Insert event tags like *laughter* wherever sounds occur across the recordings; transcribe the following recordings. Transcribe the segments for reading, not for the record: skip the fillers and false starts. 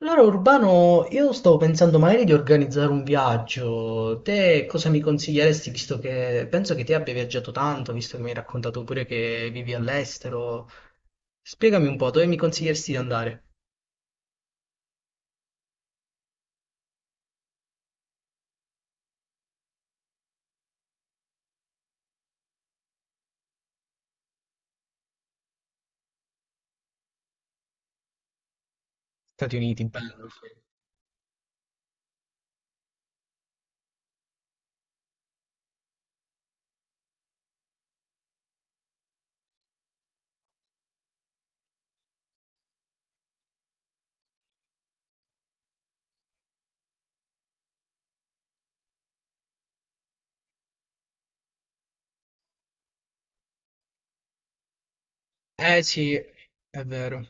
Allora Urbano, io stavo pensando magari di organizzare un viaggio. Te cosa mi consiglieresti, visto che penso che ti abbia viaggiato tanto, visto che mi hai raccontato pure che vivi all'estero? Spiegami un po', dove mi consiglieresti di andare? Stati Uniti. Bello. Eh sì, è vero.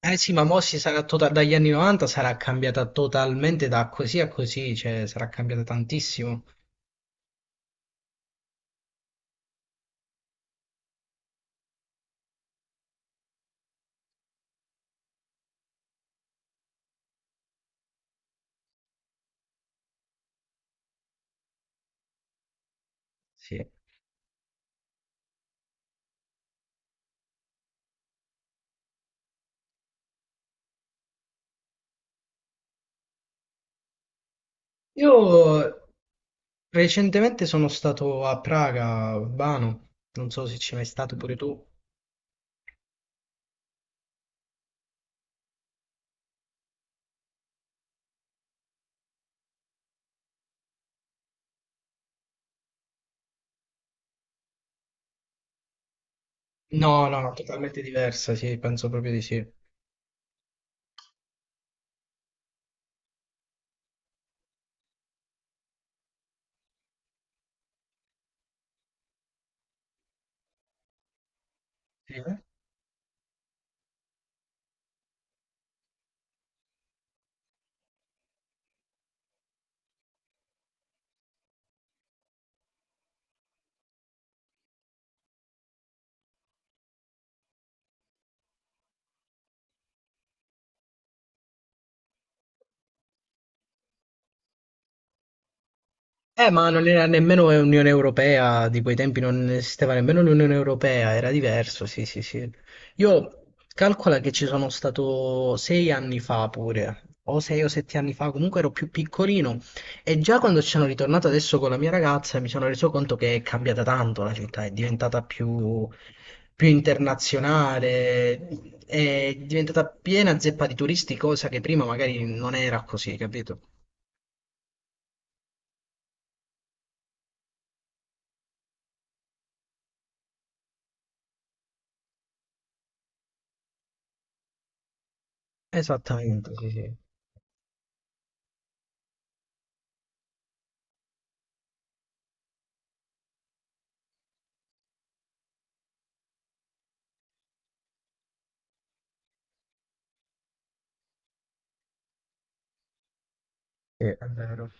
Eh sì, ma mo dagli anni 90 sarà cambiata totalmente da così a così, cioè sarà cambiata tantissimo. Sì. Io recentemente sono stato a Praga, Urbano, non so se ci sei mai stato pure tu. No, no, totalmente diversa, sì, penso proprio di sì. Sì. Ma non era nemmeno Unione Europea, di quei tempi non esisteva nemmeno l'Unione Europea, era diverso, sì, sì, sì. Io calcola che ci sono stato sei anni fa pure, o sei o sette anni fa, comunque ero più piccolino, e già quando ci sono ritornato adesso con la mia ragazza mi sono reso conto che è cambiata tanto la città, è diventata più, più internazionale, è diventata piena zeppa di turisti, cosa che prima magari non era così, capito? Esattamente, sì, sì. Sì, è vero.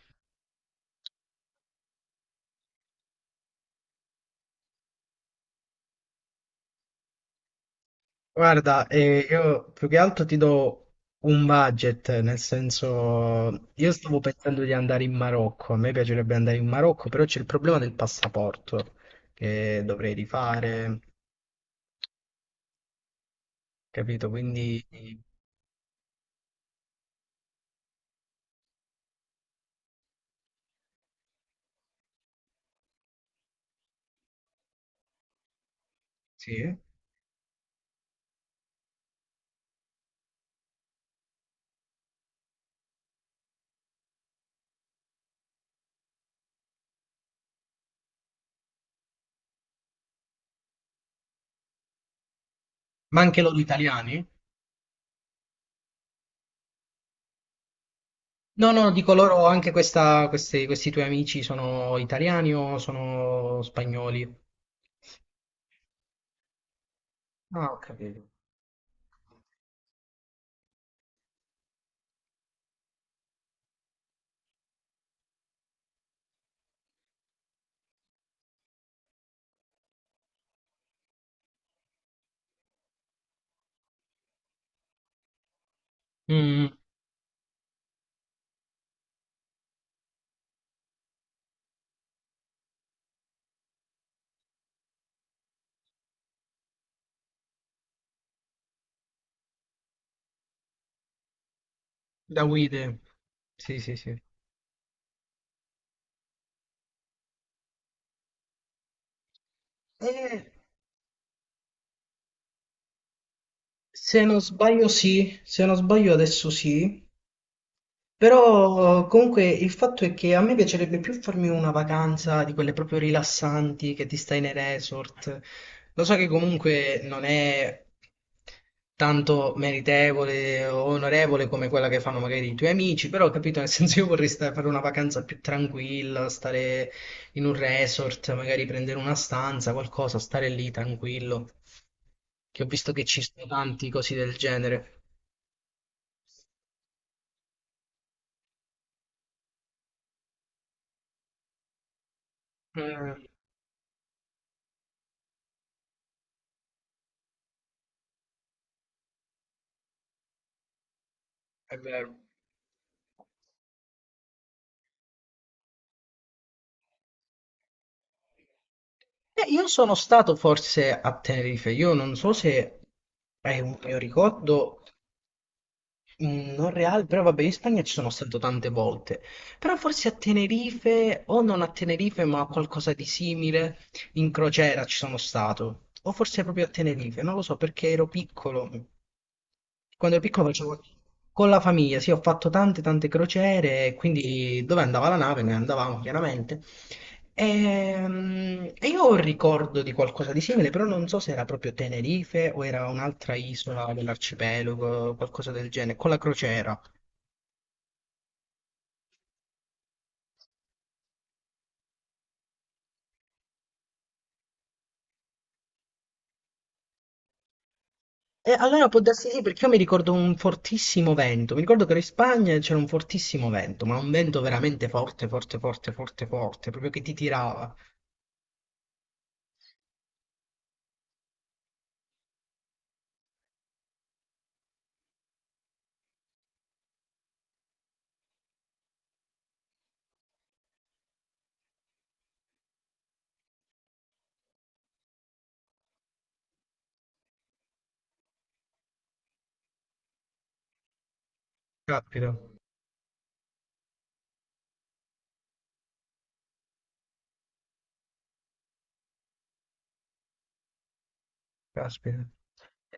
Guarda, io più che altro ti do un budget, nel senso, io stavo pensando di andare in Marocco, a me piacerebbe andare in Marocco, però c'è il problema del passaporto che dovrei rifare, capito? Quindi sì. Ma anche loro italiani? No, no, dico loro anche questi tuoi amici sono italiani o sono spagnoli? Ah, ho capito. Mm, da guide. Sì, sì, sì. Eh, se non sbaglio sì, se non sbaglio adesso sì, però comunque il fatto è che a me piacerebbe più farmi una vacanza di quelle proprio rilassanti che ti stai nei resort. Lo so che comunque non è tanto meritevole o onorevole come quella che fanno magari i tuoi amici, però capito, nel *laughs* senso io vorrei fare una vacanza più tranquilla, stare in un resort, magari prendere una stanza, qualcosa, stare lì tranquillo, che ho visto che ci sono tanti così del genere. Mh, è vero. Io sono stato forse a Tenerife, io non so se è un mio ricordo non reale, però vabbè, in Spagna ci sono stato tante volte, però forse a Tenerife, o non a Tenerife, ma a qualcosa di simile, in crociera ci sono stato, o forse proprio a Tenerife, non lo so perché ero piccolo, quando ero piccolo facevo con la famiglia, sì, ho fatto tante tante crociere, e quindi dove andava la nave ne andavamo chiaramente. E io ho un ricordo di qualcosa di simile, però non so se era proprio Tenerife o era un'altra isola dell'arcipelago, qualcosa del genere, con la crociera. E allora può darsi sì, perché io mi ricordo un fortissimo vento. Mi ricordo che ero in Spagna e c'era un fortissimo vento, ma un vento veramente forte, forte, forte, forte, forte, proprio che ti tirava. Caspita, caspita.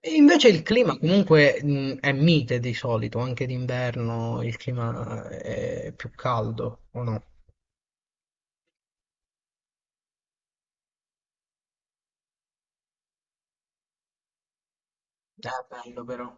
E invece il clima comunque è mite di solito, anche d'inverno il clima è più caldo, o no? È bello però.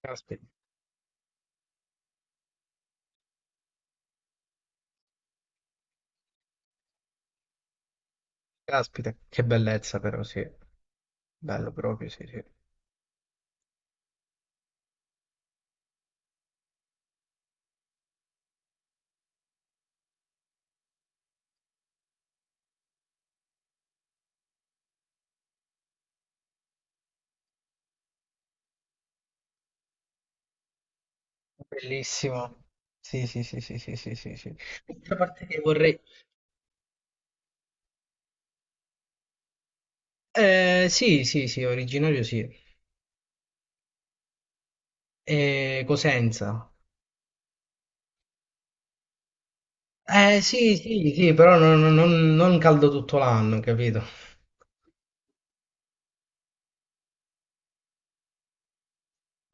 Caspita, caspita, che bellezza però, sì. Bello proprio, sì, sì. Bellissimo. Sì, sì, sì, sì, sì, sì, sì, sì. L'altra parte che vorrei... sì, sì, sì, originario sì. Cosenza. Sì, sì, sì, però non caldo tutto l'anno, capito?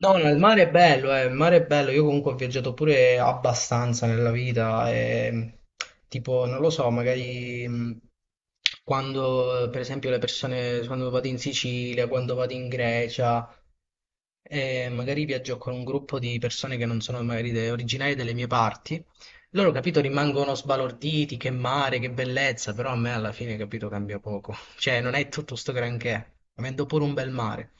No, no, il mare è bello, il mare è bello. Io comunque ho viaggiato pure abbastanza nella vita. E, tipo, non lo so, magari quando, per esempio, le persone, quando vado in Sicilia, quando vado in Grecia, magari viaggio con un gruppo di persone che non sono magari originarie delle mie parti. Loro, capito, rimangono sbalorditi, che mare, che bellezza, però a me alla fine, capito, cambia poco. Cioè, non è tutto sto granché, avendo pure un bel mare.